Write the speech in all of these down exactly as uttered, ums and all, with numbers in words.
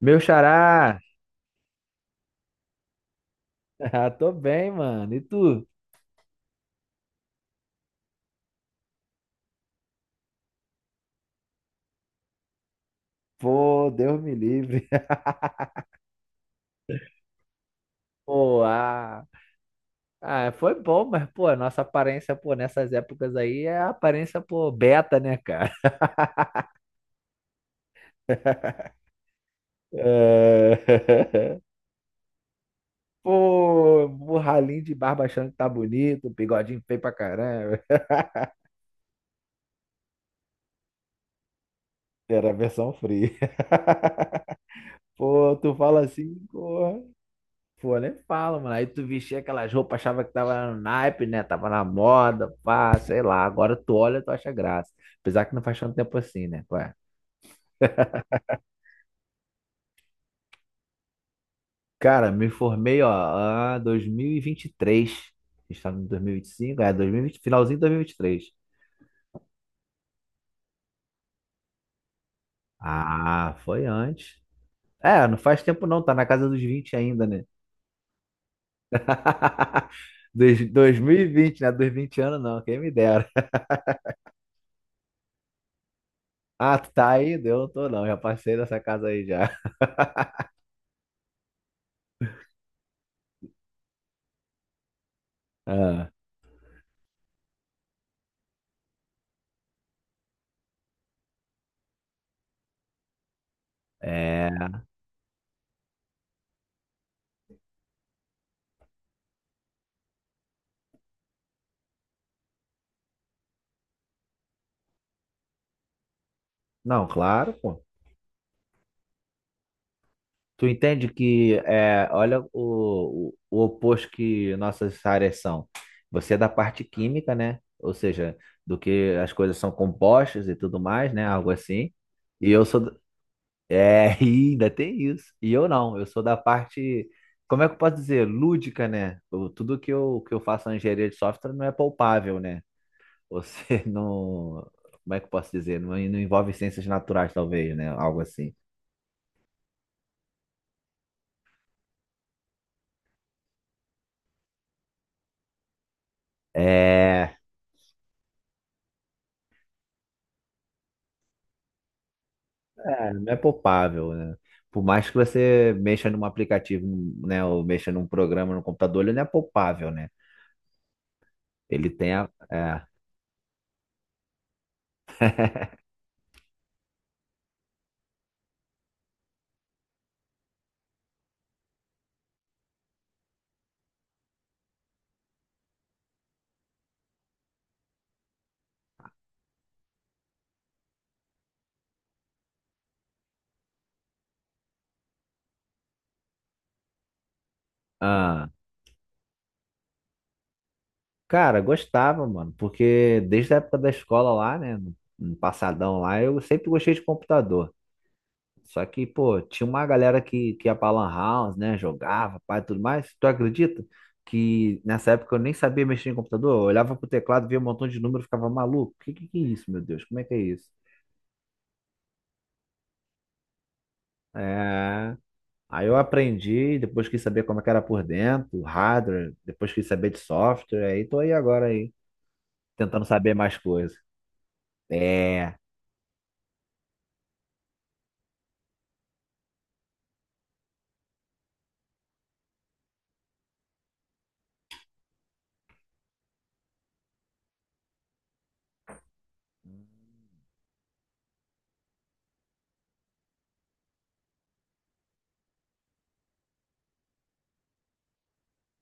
Meu xará! Ah, tô bem, mano. E tu? Pô, Deus me livre. Pô, ah, ah, foi bom, mas, pô, a nossa aparência, pô, nessas épocas aí é a aparência, pô, beta, né, cara? É... Pô, o ralinho de barba achando que tá bonito, bigodinho feio pra caramba. Era a versão free. Pô, tu fala assim, pô. Pô, nem fala, mano. Aí tu vestia aquelas roupas, achava que tava no naipe, né? Tava na moda, pá, sei lá. Agora tu olha, tu acha graça. Apesar que não faz tanto tempo assim, né? Ué. Cara, me formei, ó, ah, dois mil e vinte e três. A gente tá em dois mil e e vinte e cinco, é, dois mil e vinte, finalzinho de dois mil e vinte e três. Ah, foi antes. É, não faz tempo não, tá na casa dos vinte ainda, né? Dos- dois mil e vinte, né? Dos vinte anos não, quem me dera. Ah, tu tá aí? Eu não tô não, já passei dessa casa aí já. Ah, é. Não, claro, pô. Tu entende que é, olha o, o, o oposto que nossas áreas são. Você é da parte química, né? Ou seja, do que as coisas são compostas e tudo mais, né? Algo assim. E eu sou. d- É, e ainda tem isso. E eu não, eu sou da parte. Como é que eu posso dizer? Lúdica, né? Eu- tudo que eu, que eu faço na engenharia de software não é palpável, né? Você não. Como é que eu posso dizer? Não, não envolve ciências naturais, talvez, né? Algo assim. É. É, não é poupável, né? Por mais que você mexa num aplicativo, né, ou mexa num programa no computador, ele não é poupável, né? Ele tem a. é. Ah, cara, gostava, mano, porque desde a época da escola lá, né, no no passadão lá, eu sempre gostei de computador. Só que, pô, tinha uma galera que, que ia pra Lan House, né, jogava, pai, tudo mais. Tu acredita que nessa época eu nem sabia mexer em computador? Eu olhava pro teclado, via um montão de número, ficava maluco. Que que que é isso, meu Deus? Como é que é isso? É. Aí eu aprendi, depois quis saber como é que era por dentro, hardware, depois quis saber de software, aí tô aí agora aí, tentando saber mais coisas. É.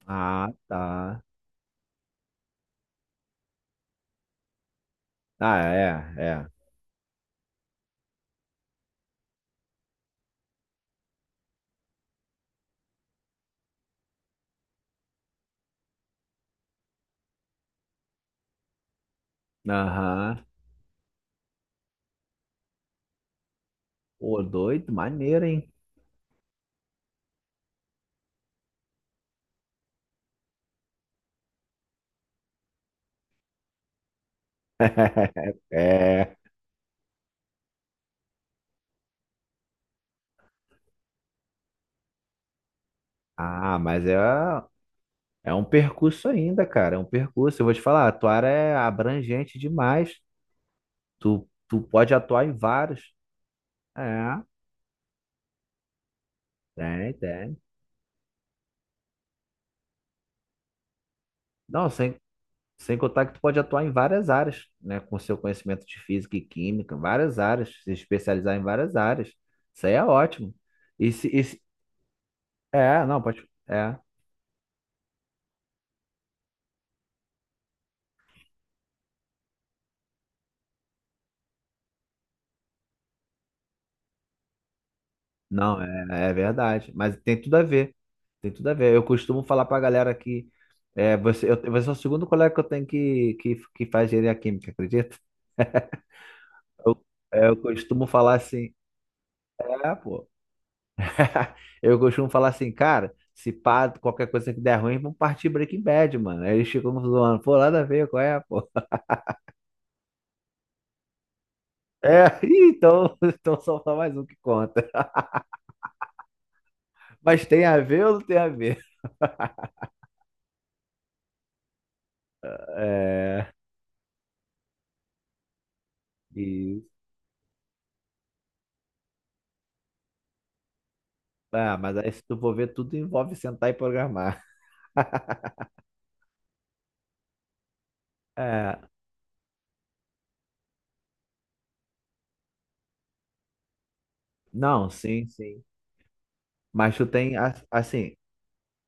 Ah, tá. Ah, é, é. Aham. Ô, doido, maneiro, hein? É. Ah, mas é, é um percurso ainda, cara. É um percurso. Eu vou te falar, a tua área é abrangente demais. Tu, tu pode atuar em vários. É, tem, tem. Não, sem Sem contar que tu pode atuar em várias áreas, né? Com seu conhecimento de física e química, várias áreas, se especializar em várias áreas. Isso aí é ótimo. E se, e se- é, não, pode. É, não, é, é verdade. Mas tem tudo a ver. Tem tudo a ver. Eu costumo falar pra galera que é, você, eu, você é o segundo colega que eu tenho que, que, que faz engenharia química, acredita? Eu, é, eu costumo falar assim, é, pô. Eu costumo falar assim, cara, se pá, qualquer coisa que der ruim, vamos partir Breaking Bad, mano. Aí eles ficam zoando, pô, nada a ver, qual é, pô? É, ih, então, então só tá mais um que conta. Mas tem a ver ou não tem a ver? É, e, ah, mas aí se tu for ver, tudo envolve sentar e programar. É, não, sim, sim. Mas tu tem, a- assim,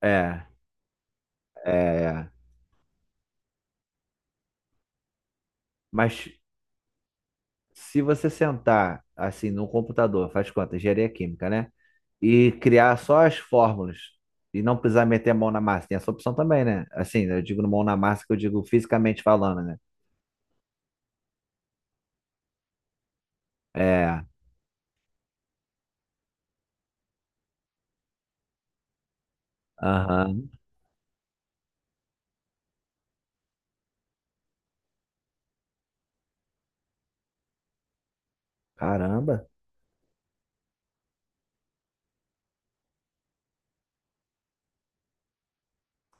é, é, mas se você sentar assim num computador, faz conta, engenharia química, né? E criar só as fórmulas e não precisar meter a mão na massa, tem essa opção também, né? Assim, né, eu digo mão na massa que eu digo fisicamente falando, né? É, aham, Caramba,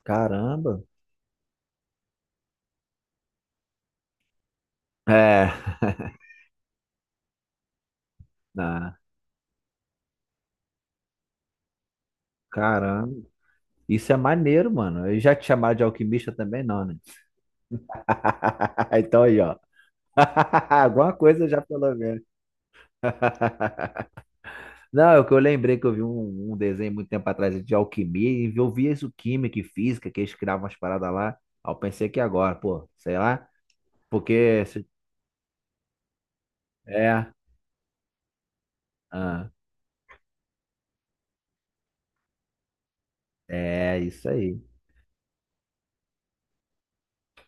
caramba. É, ah, caramba. Isso é maneiro, mano. E já te chamaram de alquimista também, não, né? Então aí, ó. Alguma coisa já pelo menos. Não, é o que eu lembrei que eu vi um, um desenho muito tempo atrás de alquimia e eu vi isso química e física, que eles criavam umas paradas lá. Aí eu pensei que agora, pô, sei lá, porque se- é, ah, é isso aí.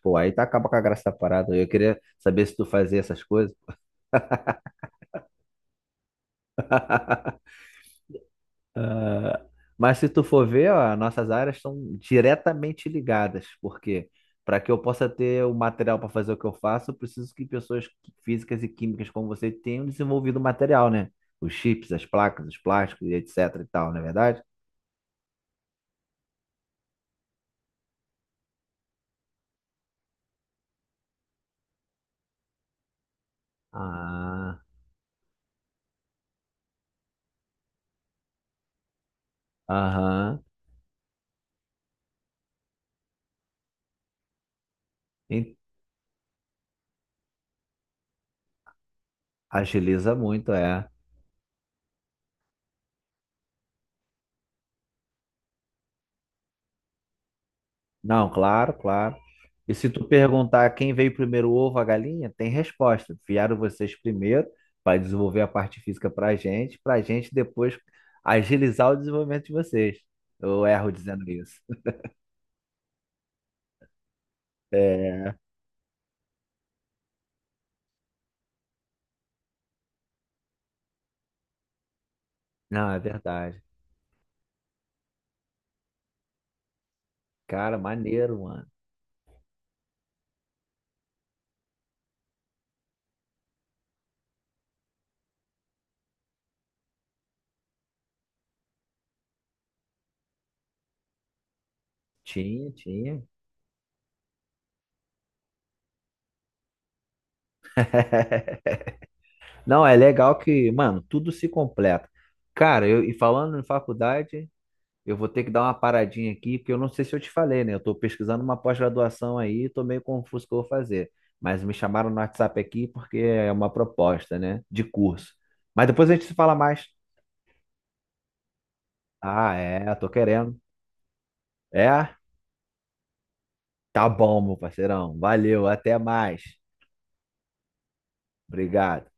Pô, aí tá acaba com a graça da parada. Eu queria saber se tu fazia essas coisas. Ah, mas se tu for ver, ó, nossas áreas estão diretamente ligadas, porque para que eu possa ter o material para fazer o que eu faço, eu preciso que pessoas qui- físicas e químicas como você tenham desenvolvido o material, né? Os chips, as placas, os plásticos, e etc e tal, não é verdade? Ah, aham. En- Agiliza muito, é. Não, claro, claro. E se tu perguntar quem veio primeiro, o ovo ou a galinha, tem resposta. Vieram vocês primeiro para desenvolver a parte física para a gente, para a gente depois agilizar o desenvolvimento de vocês. Eu erro dizendo isso. É. Não, é verdade. Cara, maneiro, mano. Tinha, tinha. Não, é legal que, mano, tudo se completa. Cara, eu, e falando em faculdade, eu vou ter que dar uma paradinha aqui, porque eu não sei se eu te falei, né? Eu estou pesquisando uma pós-graduação aí, estou meio confuso o que eu vou fazer. Mas me chamaram no WhatsApp aqui porque é uma proposta, né? De curso. Mas depois a gente se fala mais. Ah, é, tô querendo. É? Tá bom, meu parceirão. Valeu, até mais. Obrigado.